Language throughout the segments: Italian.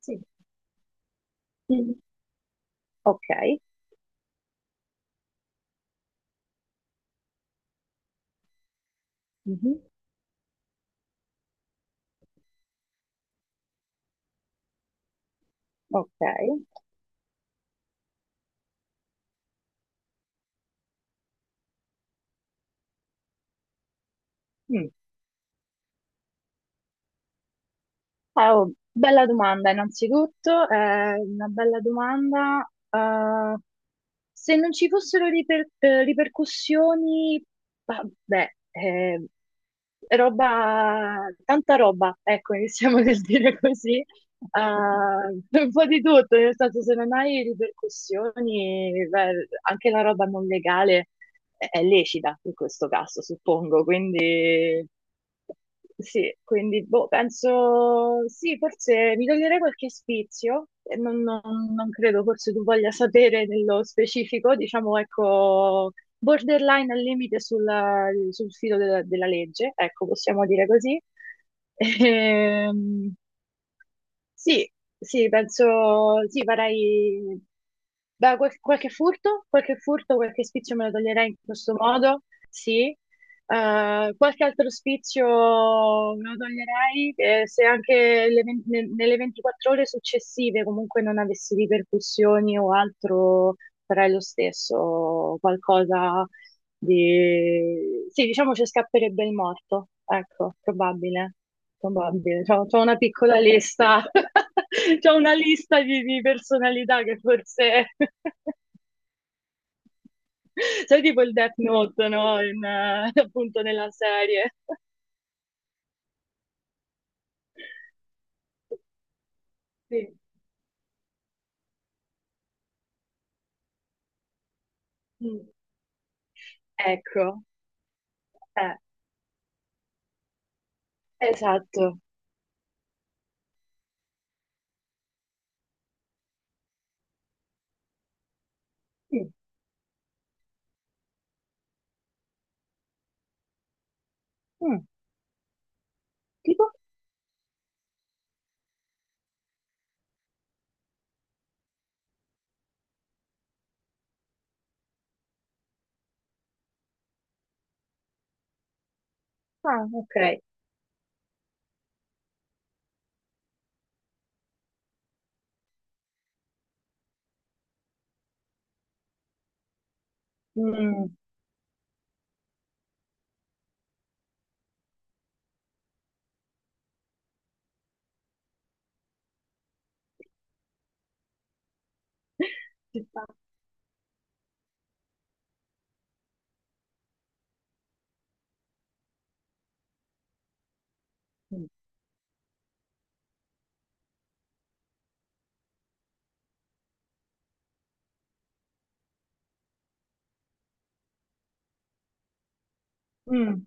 Sì. Mm. Ok. Mhm. Ok. Mm. Oh, Bella domanda, innanzitutto, è una bella domanda. Se non ci fossero ripercussioni, vabbè, roba, tanta roba, ecco, iniziamo nel dire così. Eh, un po' di tutto, nel senso se non hai ripercussioni, beh, anche la roba non legale è lecita in questo caso, suppongo, quindi sì, quindi boh, penso sì, forse mi toglierei qualche spizio, e non credo forse tu voglia sapere nello specifico, diciamo ecco, borderline al limite sul filo della legge, ecco, possiamo dire così. Ehm, sì, sì, penso, sì, farei, beh, qualche furto, qualche furto, qualche spizio me lo toglierei in questo modo, sì. Qualche altro spizio me lo toglierei se anche nelle 24 ore successive comunque non avessi ripercussioni o altro, farei lo stesso, qualcosa di... Sì, diciamo ci scapperebbe il morto, ecco, probabile. Probabile, c'ho una piccola lista, c'ho una lista di personalità che forse... Sai tipo il Death Note, no? Appunto nella serie. Sì. Mm. Ecco, eh, esatto. Mm. Mm. Tipo? Ah, ok. Mm. Ci sta. Mm. Mm.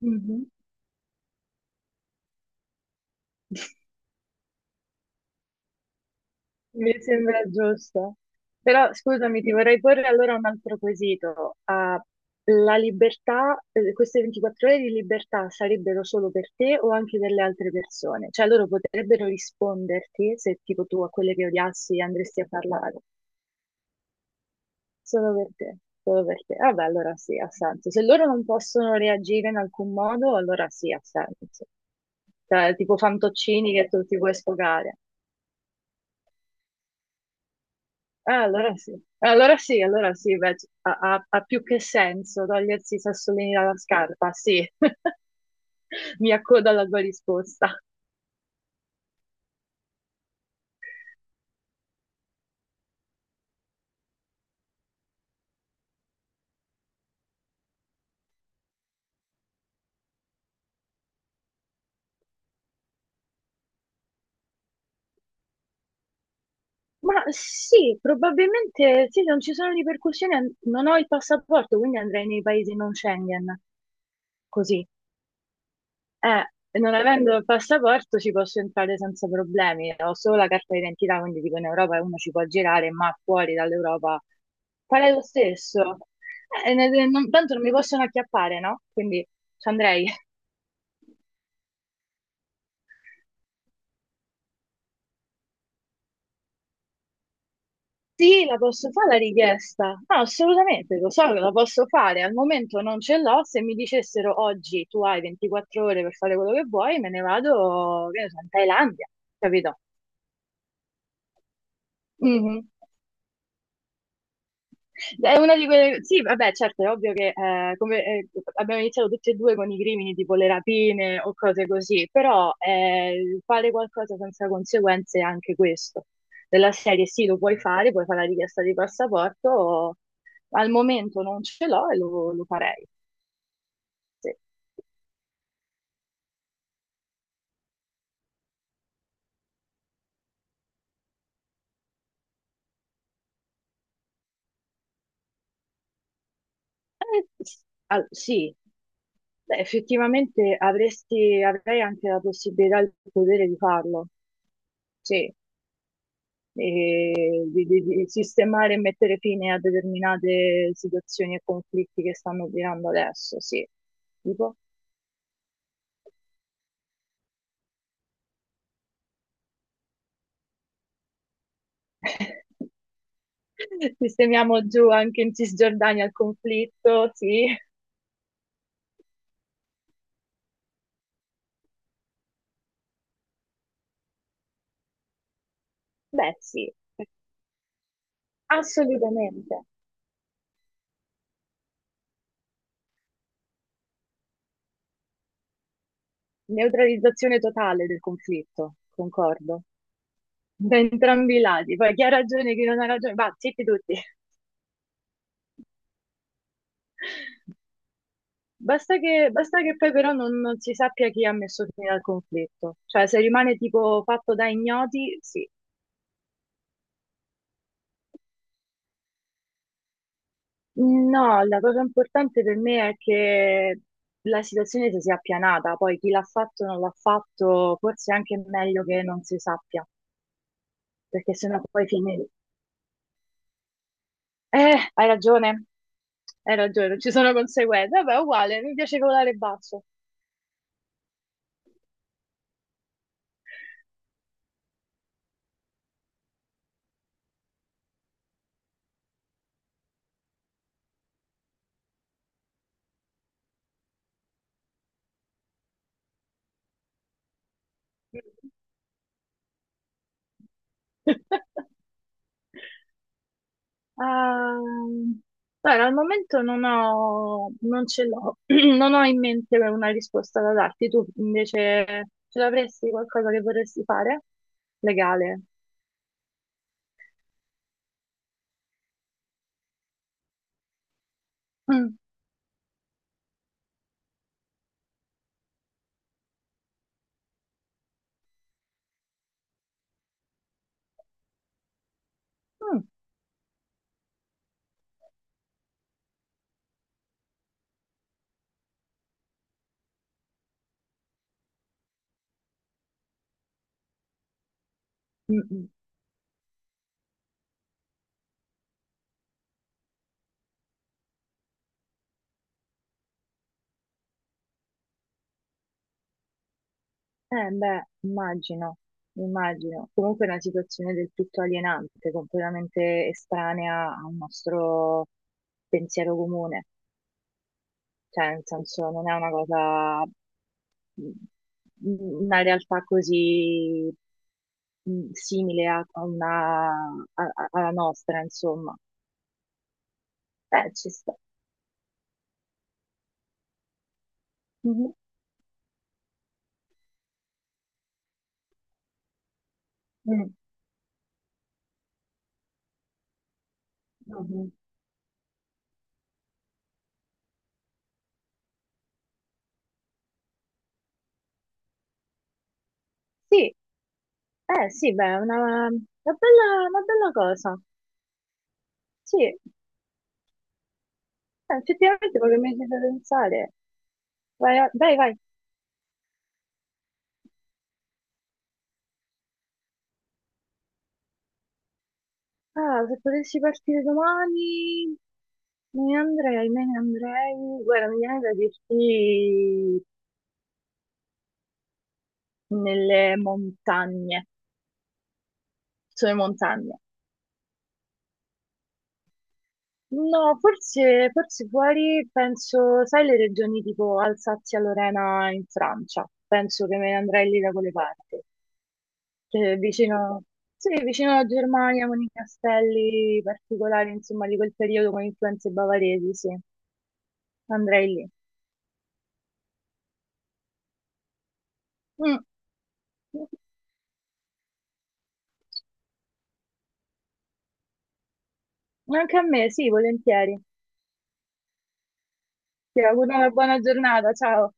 Mhm. Mi sembra giusto. Però scusami, ti vorrei porre allora un altro quesito. La libertà, queste 24 ore di libertà sarebbero solo per te o anche per le altre persone? Cioè loro potrebbero risponderti se tipo tu a quelle che odiassi andresti a parlare. Solo per te, solo per te. Vabbè, allora sì, ha senso. Se loro non possono reagire in alcun modo, allora sì, ha senso. Cioè, tipo fantoccini che tu ti puoi sfogare. Ah, allora sì, allora sì, allora sì, beh, ha, ha più che senso togliersi i sassolini dalla scarpa, sì, mi accodo alla tua risposta. Ma sì, probabilmente sì, non ci sono ripercussioni, non ho il passaporto, quindi andrei nei paesi non Schengen, così. Non avendo il passaporto ci posso entrare senza problemi, ho solo la carta d'identità, quindi dico in Europa uno ci può girare, ma fuori dall'Europa farei lo stesso. Tanto non mi possono acchiappare, no? Quindi ci andrei. Sì, la posso fare la richiesta. No, assolutamente, lo so che la posso fare. Al momento non ce l'ho. Se mi dicessero oggi tu hai 24 ore per fare quello che vuoi, me ne vado, che ne so, in Thailandia, capito? Mhm. È una di quelle... Sì, vabbè, certo, è ovvio che abbiamo iniziato tutti e due con i crimini tipo le rapine o cose così, però fare qualcosa senza conseguenze è anche questo. Della serie sì, lo puoi fare la richiesta di passaporto, al momento non ce l'ho e lo farei. Sì, sì. Beh, effettivamente avresti, avrei anche la possibilità e il potere di farlo. Sì. Di sistemare e mettere fine a determinate situazioni e conflitti che stanno girando adesso, sì. Tipo, sistemiamo giù anche in Cisgiordania il conflitto, sì. Beh, sì, assolutamente. Neutralizzazione totale del conflitto, concordo. Da entrambi i lati. Poi chi ha ragione, chi non ha ragione, va, zitti tutti. Basta che poi però non si sappia chi ha messo fine al conflitto, cioè se rimane tipo fatto da ignoti, sì. No, la cosa importante per me è che la situazione si sia appianata, poi chi l'ha fatto o non l'ha fatto, forse è anche meglio che non si sappia, perché sennò poi finisce. Eh, hai ragione, hai ragione, ci sono conseguenze, vabbè, uguale, mi piace volare basso. Ehm, Guarda, al momento non ce l'ho, non ho in mente una risposta da darti. Tu invece ce l'avresti qualcosa che vorresti fare? Legale? Mm, mm, mm, mm. Beh, immagino, immagino. Comunque è una situazione del tutto alienante, completamente estranea al nostro pensiero comune. Cioè, nel senso, non è una cosa, mm, una realtà così simile a, a una, alla nostra, insomma. Beh, ci sta. Mhm. Mm. Mhm. Sì, eh sì, beh, è una una bella cosa. Sì, effettivamente quello che mi hai fatto pensare. Vai, vai, vai. Ah, se potessi partire domani, me ne andrei, me ne andrei. Guarda, mi viene da dirti nelle montagne, sulle montagne. No, forse, forse fuori, penso, sai le regioni tipo Alsazia-Lorena in Francia, penso che me ne andrei lì da quelle parti, cioè, vicino, sì, vicino alla Germania con i castelli particolari, insomma, di quel periodo con influenze bavaresi, sì, andrei lì. Mm. Anche a me, sì, volentieri. Ti auguro una buona giornata, ciao.